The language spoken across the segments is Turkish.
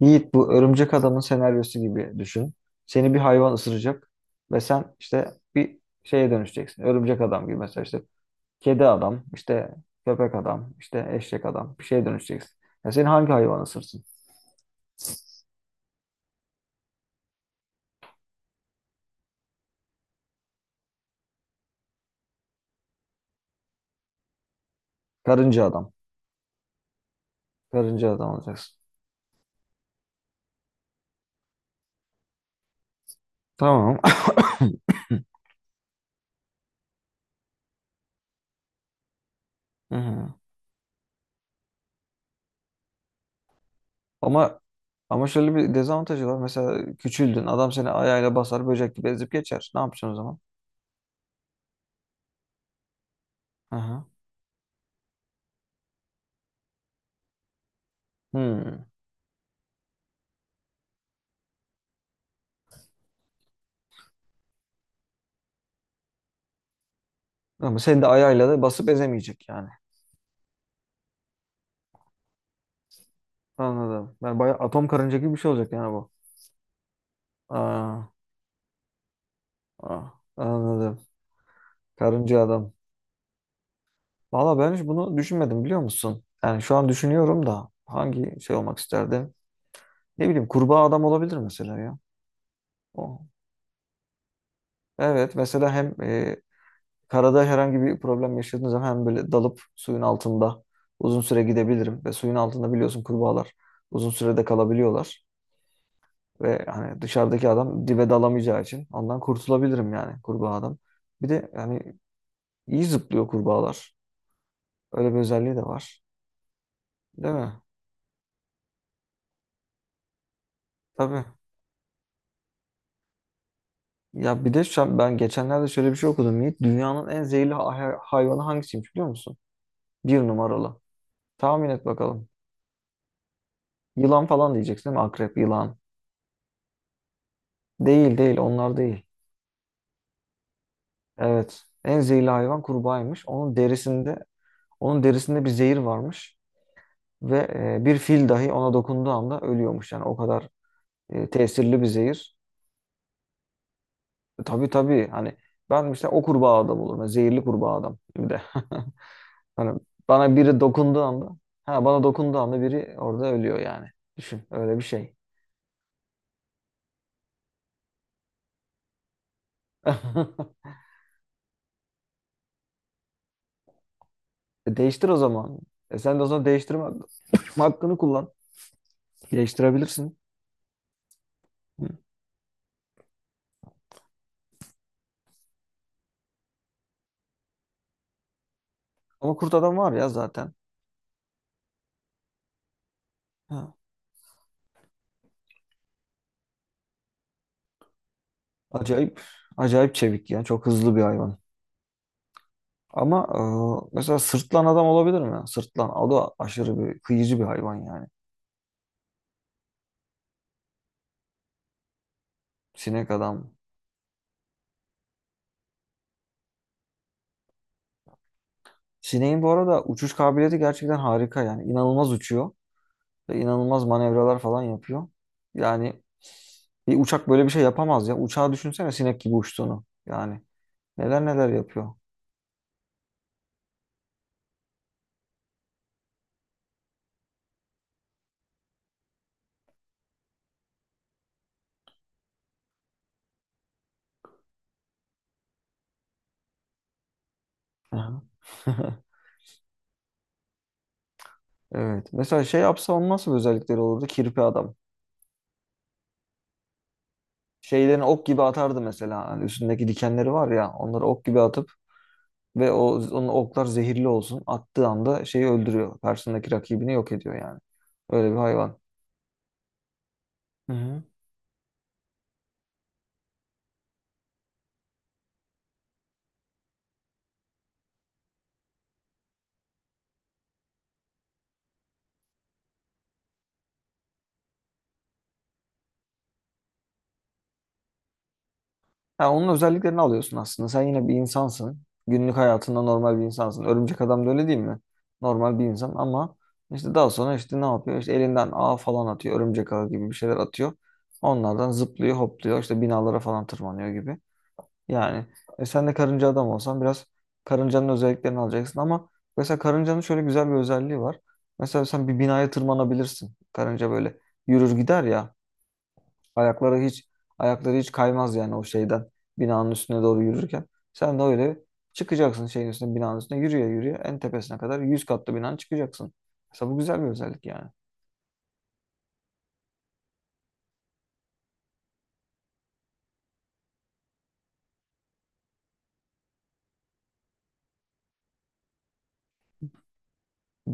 Yiğit bu Örümcek Adam'ın senaryosu gibi düşün. Seni bir hayvan ısıracak ve sen işte bir şeye dönüşeceksin. Örümcek adam gibi mesela işte kedi adam, işte köpek adam, işte eşek adam bir şeye dönüşeceksin. Ya seni hangi hayvan ısırsın? Karınca adam. Karınca adam olacaksın. Tamam. Hı hı. Ama ama şöyle bir dezavantajı var. Mesela küçüldün. Adam seni ayağıyla basar, böcek gibi ezip geçer. Ne yapacaksın o zaman? Hı hı. Hmm. Ama seni de ayağıyla da basıp ezemeyecek yani. Anladım. Ben bayağı atom karınca gibi bir şey olacak yani bu. Aa, aa, anladım. Karınca adam. Valla ben hiç bunu düşünmedim biliyor musun? Yani şu an düşünüyorum da hangi şey olmak isterdim? Ne bileyim kurbağa adam olabilir mesela ya. O. Evet mesela hem karada herhangi bir problem yaşadığınız zaman hem böyle dalıp suyun altında uzun süre gidebilirim. Ve suyun altında biliyorsun kurbağalar uzun sürede kalabiliyorlar. Ve hani dışarıdaki adam dibe dalamayacağı için ondan kurtulabilirim yani kurbağa adam. Bir de yani İyi zıplıyor kurbağalar. Öyle bir özelliği de var. Değil mi? Tabii. Ya bir de şu an ben geçenlerde şöyle bir şey okudum Yiğit. Dünyanın en zehirli hayvanı hangisiymiş biliyor musun? Bir numaralı. Tahmin et bakalım. Yılan falan diyeceksin değil mi? Akrep, yılan. Değil değil onlar değil. Evet. En zehirli hayvan kurbağaymış. Onun derisinde bir zehir varmış. Ve bir fil dahi ona dokunduğu anda ölüyormuş. Yani o kadar tesirli bir zehir. Tabii tabii. Hani ben mesela o kurbağa adam olurum. Yani zehirli kurbağa adam bir de. Hani bana biri dokunduğu anda, ha bana dokunduğu anda biri orada ölüyor yani. Düşün öyle bir şey. E değiştir o zaman. E sen de o zaman değiştirme hakkını kullan. Değiştirebilirsin. Hı. Ama kurt adam var ya zaten. Ha. Acayip acayip çevik ya. Çok hızlı bir hayvan. Ama mesela sırtlan adam olabilir mi? Sırtlan. O da aşırı bir kıyıcı bir hayvan yani. Sinek adam. Sineğin bu arada uçuş kabiliyeti gerçekten harika yani. İnanılmaz uçuyor ve inanılmaz manevralar falan yapıyor. Yani bir uçak böyle bir şey yapamaz ya. Uçağı düşünsene sinek gibi uçtuğunu. Yani neler neler yapıyor. Aha. Evet. Mesela şey yapsa onun nasıl bir özellikleri olurdu? Kirpi adam. Şeylerini ok gibi atardı mesela. Hani üstündeki dikenleri var ya onları ok gibi atıp ve o onun oklar zehirli olsun. Attığı anda şeyi öldürüyor. Karşısındaki rakibini yok ediyor yani. Öyle bir hayvan. Hı hı. Ha, onun özelliklerini alıyorsun aslında. Sen yine bir insansın. Günlük hayatında normal bir insansın. Örümcek adam da öyle değil mi? Normal bir insan ama işte daha sonra işte ne yapıyor? İşte elinden ağ falan atıyor. Örümcek ağı gibi bir şeyler atıyor. Onlardan zıplıyor, hopluyor. İşte binalara falan tırmanıyor gibi. Yani sen de karınca adam olsan biraz karıncanın özelliklerini alacaksın ama mesela karıncanın şöyle güzel bir özelliği var. Mesela sen bir binaya tırmanabilirsin. Karınca böyle yürür gider ya. Ayakları hiç ayakları hiç kaymaz yani o şeyden binanın üstüne doğru yürürken. Sen de öyle çıkacaksın şeyin üstüne binanın üstüne yürüye yürüye en tepesine kadar 100 katlı binanın çıkacaksın. Mesela bu güzel bir özellik yani.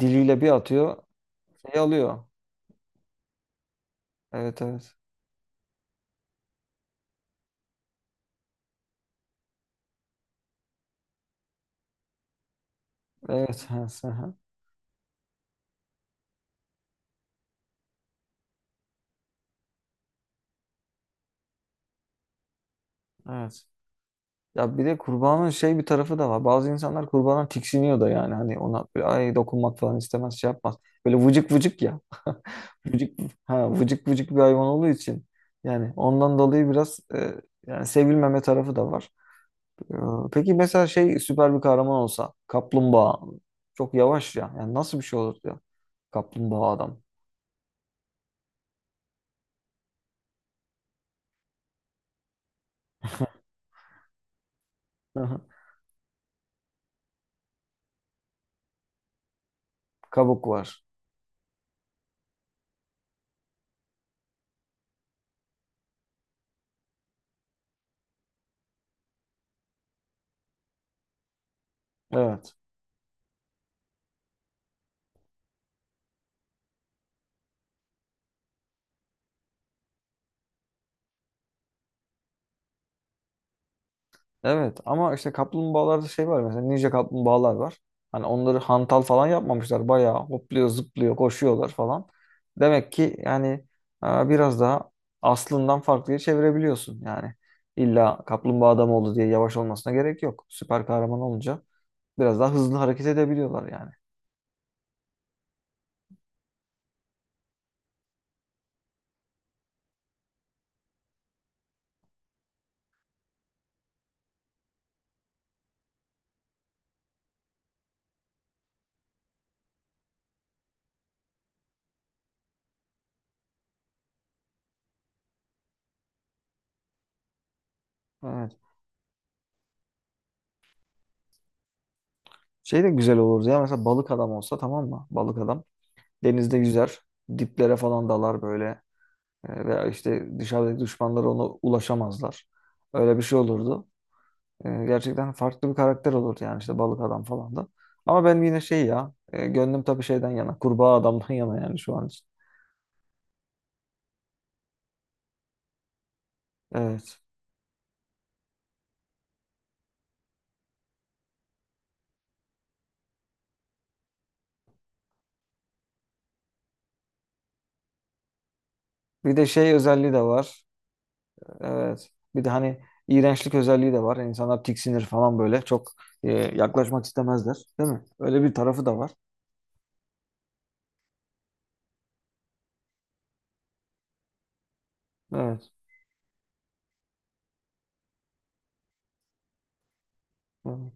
Diliyle bir atıyor şey alıyor. Evet evet. Evet. Evet. Ya bir de kurbanın şey bir tarafı da var. Bazı insanlar kurbandan tiksiniyor da yani. Hani ona böyle ay dokunmak falan istemez şey yapmaz. Böyle vıcık vıcık ya. Vıcık, ha, vıcık vıcık bir hayvan olduğu için. Yani ondan dolayı biraz yani sevilmeme tarafı da var. E, peki mesela şey süper bir kahraman olsa. Kaplumbağa. Çok yavaş ya. Yani nasıl bir şey olur ya? Kaplumbağa adam. Kabuk var. Evet. Evet ama işte kaplumbağalarda şey var mesela ninja kaplumbağalar var. Hani onları hantal falan yapmamışlar. Bayağı hopluyor, zıplıyor, koşuyorlar falan. Demek ki yani biraz daha aslından farklıya çevirebiliyorsun. Yani illa kaplumbağa adam oldu diye yavaş olmasına gerek yok. Süper kahraman olunca biraz daha hızlı hareket edebiliyorlar yani. Evet. Şey de güzel olurdu ya mesela balık adam olsa tamam mı? Balık adam denizde yüzer, diplere falan dalar böyle. Veya işte dışarıdaki düşmanları ona ulaşamazlar. Öyle bir şey olurdu. Gerçekten farklı bir karakter olurdu yani işte balık adam falan da. Ama ben yine şey ya gönlüm tabii şeyden yana kurbağa adamdan yana yani şu an için. Evet. Bir de şey özelliği de var. Evet. Bir de hani iğrençlik özelliği de var. İnsanlar tiksinir falan böyle. Çok yaklaşmak istemezler. Değil mi? Öyle bir tarafı da var. Evet. Evet.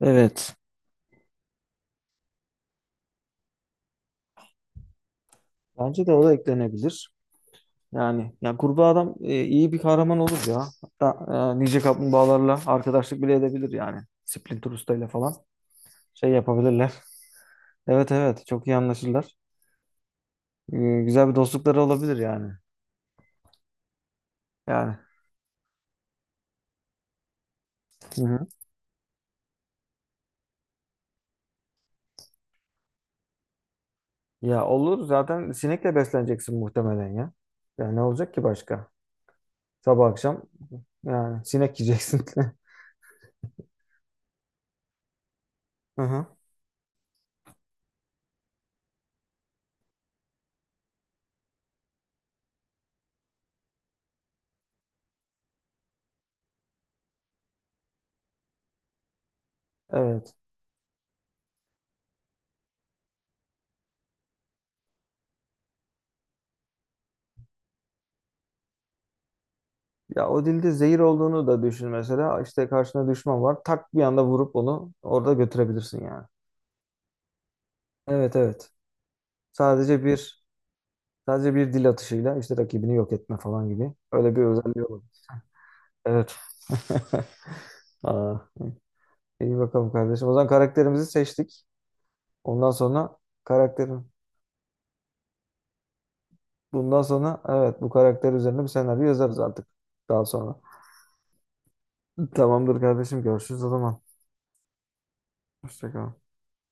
Evet. Bence de o da eklenebilir. Yani ya kurbağa adam iyi bir kahraman olur ya. Hatta nice kaplumbağalarla arkadaşlık bile edebilir yani. Splinter Usta ile falan şey yapabilirler. Evet evet çok iyi anlaşırlar. E, güzel bir dostlukları olabilir yani. Yani. Hı hı. Ya olur zaten sinekle besleneceksin muhtemelen ya. Ya ne olacak ki başka? Sabah akşam yani sinek yiyeceksin. Hı hı. Evet. Ya o dilde zehir olduğunu da düşün mesela. İşte karşına düşman var. Tak bir anda vurup onu orada götürebilirsin yani. Evet evet. Sadece bir sadece bir dil atışıyla işte rakibini yok etme falan gibi. Öyle bir özelliği olabilir. Evet. Aa, iyi bakalım kardeşim. O zaman karakterimizi seçtik. Ondan sonra karakterim. Bundan sonra evet bu karakter üzerine bir senaryo yazarız artık. Daha sonra. Tamamdır kardeşim. Görüşürüz o zaman. Hoşça kal.